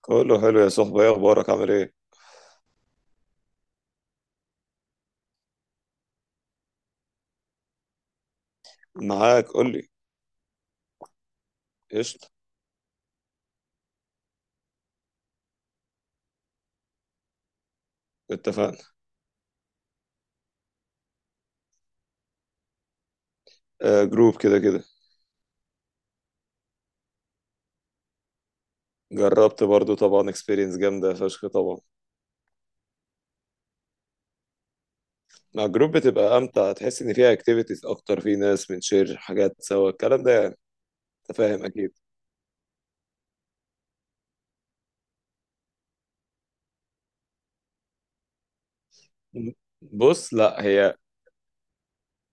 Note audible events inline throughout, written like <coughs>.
كله حلو يا صاحبي، ايه اخبارك؟ عامل ايه؟ معاك، قول لي. قشطة. اتفقنا. آه، جروب كده كده. جربت برضو طبعا، اكسبيرينس جامدة فشخ طبعا. مع جروب بتبقى امتع، تحس ان فيها اكتيفيتيز اكتر، في ناس بنشير حاجات سوا، الكلام ده يعني. انت فاهم اكيد. بص، لا هي.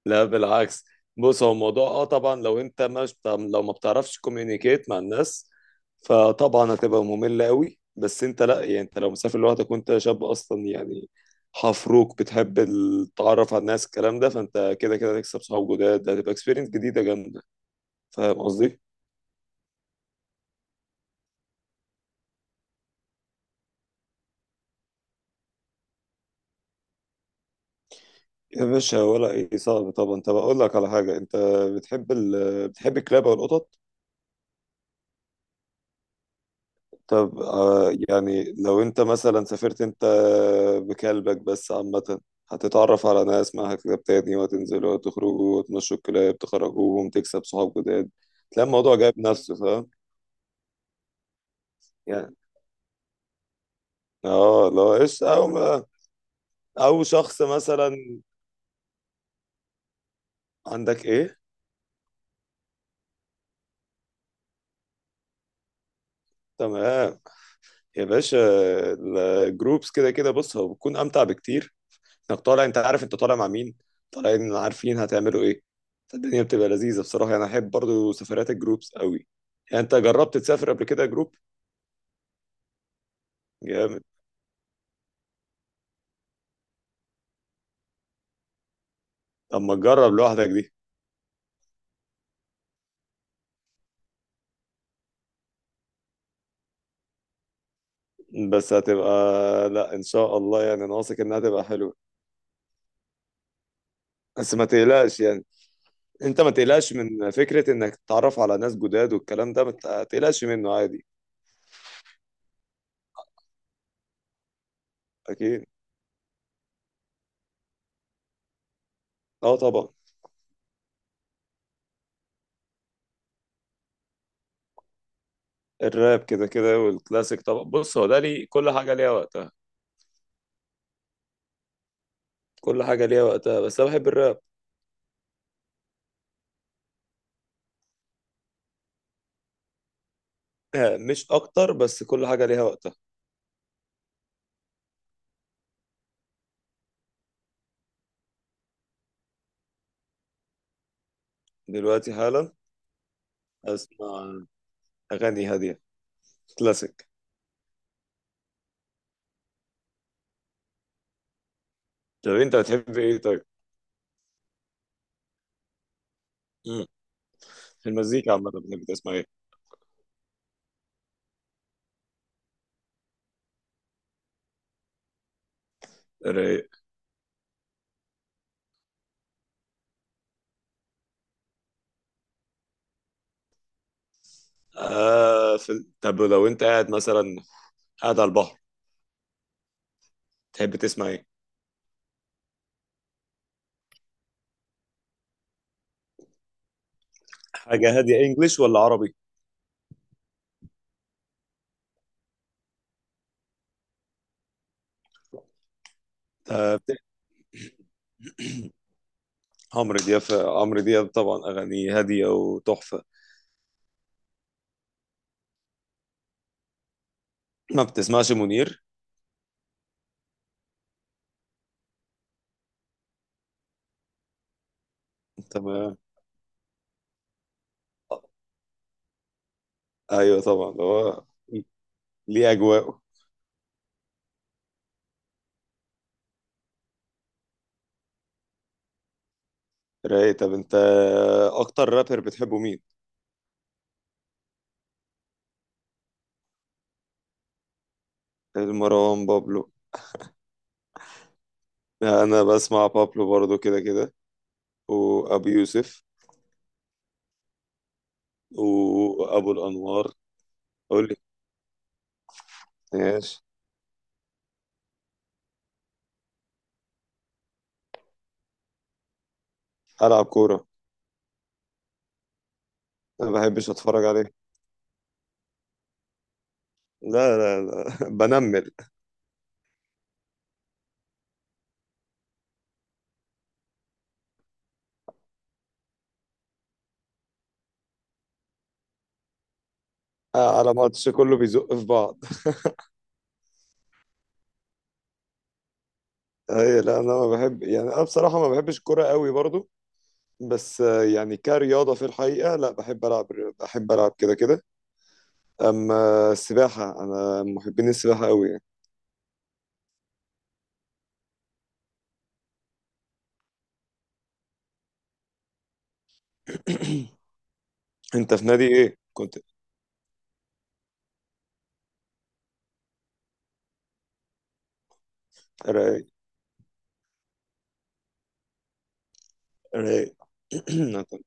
لا بالعكس. بص، هو الموضوع اه طبعا، لو انت مش لو ما بتعرفش كوميونيكيت مع الناس فطبعا هتبقى مملة قوي، بس انت لا، يعني انت لو مسافر لوحدك وانت شاب اصلا، يعني حفروك بتحب التعرف على الناس الكلام ده، فانت كده كده هتكسب صحاب جداد، هتبقى اكسبيرينس جديدة جامدة. فاهم قصدي؟ يا باشا، ولا ايه؟ صعب طبعا. طب اقول لك على حاجة، انت بتحب بتحب الكلاب او القطط؟ طب آه، يعني لو انت مثلا سافرت انت بكلبك، بس عامة هتتعرف على ناس معاها كلاب تاني، وهتنزلوا وتخرجوا وتمشوا الكلاب، تخرجوهم، تكسب صحاب جداد، تلاقي الموضوع جايب نفسه. فاهم يعني؟ اه، لو ايش او او شخص مثلا. عندك ايه؟ تمام يا باشا. الجروبس كده كده، بص، هو بتكون امتع بكتير، انك طالع، انت عارف انت طالع مع مين، طالعين عارفين هتعملوا ايه، فالدنيا بتبقى لذيذة. بصراحة انا احب برضو سفرات الجروبس قوي. يعني انت جربت تسافر قبل كده جروب؟ جامد. طب ما تجرب لوحدك دي. بس هتبقى، لا ان شاء الله، يعني انا واثق انها تبقى حلوه. بس ما تقلقش يعني، انت ما تقلقش من فكره انك تتعرف على ناس جداد والكلام ده، ما تقلقش منه عادي. اكيد. اه طبعا. الراب كده كده والكلاسيك طبعا. بص، هو ده لي كل حاجه ليها وقتها، كل حاجه ليها وقتها، بس انا بحب الراب. مش اكتر، بس كل حاجه ليها وقتها. دلوقتي حالا اسمع اغاني هاديه، كلاسيك. طب انت بتحب ايه طيب؟ مم. في المزيكا عامه بتحب تسمع ايه؟ رايق. آه، طب لو انت قاعد، مثلا على البحر، تحب تسمع ايه؟ حاجه هاديه، انجليش ولا عربي؟ آه، بت- <clears throat> عمرو دياب. عمرو دياب طبعا، اغانيه هاديه وتحفه. ما بتسمعش منير؟ تمام. ايوه طبعا، هو ليه اجواءه. رايق. طب انت اكتر رابر بتحبه مين؟ المروان بابلو. انا بسمع بابلو برضو كده كده، وابو يوسف وابو الانوار. قول لي. ماشي. العب كوره. انا ما بحبش اتفرج عليه. لا لا لا، <laughs> بنمل. آه، على ماتش كله بيزق في بعض. اي لا، انا ما بحب، يعني انا بصراحه ما بحبش الكوره قوي برضو، بس آه، يعني كرياضه في الحقيقه لا، بحب العب، بحب العب كده كده. اما السباحه، انا من محبين السباحه قوي يعني. <clears throat> انت في نادي ايه كنت؟ رايق. رايق. <clears throat>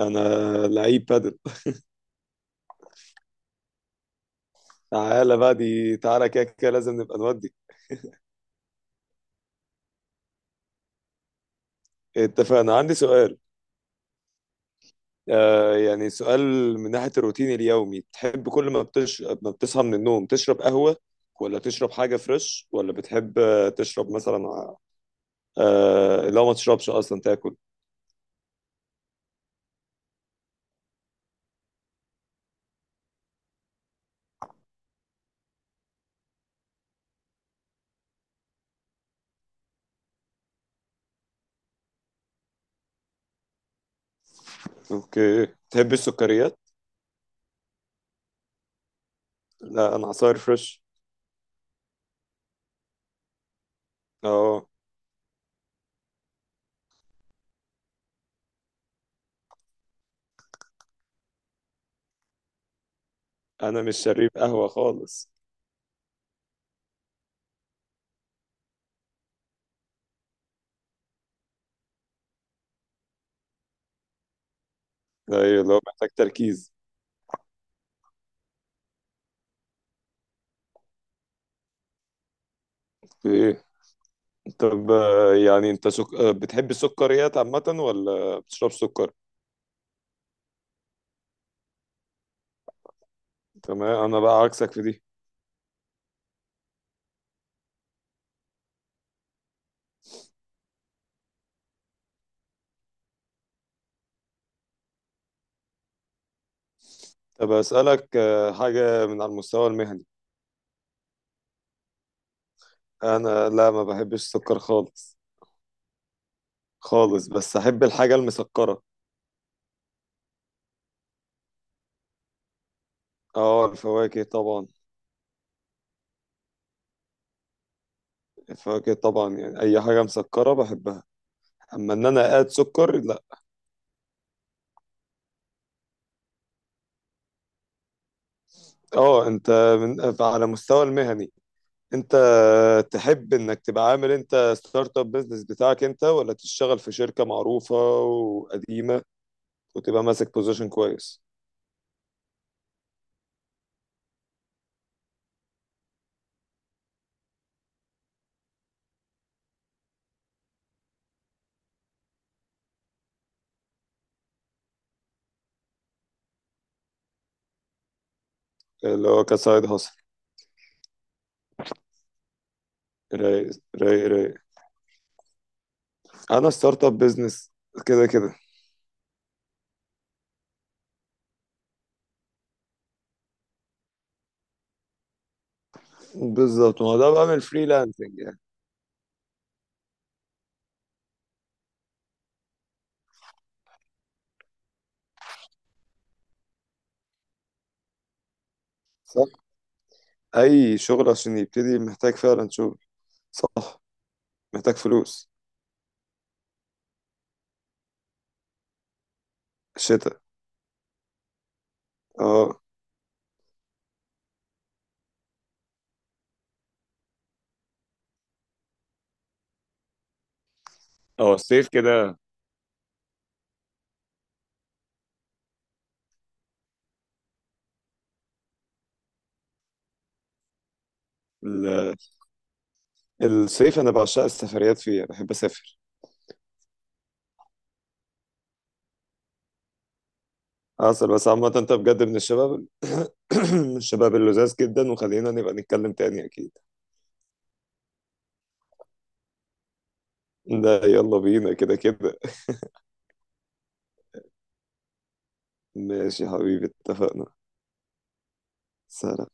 انا لعيب بادل. تعالى بقى دي، تعالى كده كده لازم نبقى نودي. اتفقنا. عندي سؤال. آه، يعني سؤال من ناحية الروتين اليومي، تحب كل ما بتصحى من النوم تشرب قهوة، ولا تشرب حاجة فريش، ولا بتحب آه، تشرب مثلا لو ما تشربش أصلا تاكل؟ اوكي. تحب السكريات؟ لا، أنا عصاير فريش. اه. أنا مش شريف قهوة خالص. ايوه، لو محتاج تركيز. طب آه، يعني انت سك... آه، بتحب السكريات عامة ولا بتشرب سكر؟ تمام. انا بقى عكسك في دي. طب اسألك آه، حاجة من على المستوى المهني. انا لا، ما بحبش السكر خالص، خالص. بس احب الحاجة المسكرة. اه، الفواكه طبعا. الفواكه طبعا، يعني اي حاجة مسكرة بحبها، اما ان انا اقاد سكر لا. اه، انت على مستوى المهني، انت تحب انك تبقى عامل انت ستارت اب بزنس بتاعك انت، ولا تشتغل في شركة معروفة وقديمة، كنت بقى ماسك بوزيشن كويس؟ اللي هو كسايد هاسل. رايق. رايق رايق. انا ستارت اب بزنس كده كده. بالظبط، ما هو ده بقى من الفريلانسنج يعني. صح. اي شغل عشان يبتدي محتاج فعلا شغل. صح، محتاج فلوس. شتاء. اه. اه الصيف كده. ال- الصيف انا بعشق السفريات فيه، بحب اسافر. اصل بس عامة، انت بجد من الشباب <clears throat> <coughs> من الشباب اللذاذ جدا، وخلينا نبقى نتكلم تاني اكيد. ده يلا بينا كده كده. ماشي يا حبيبي، اتفقنا. سلام.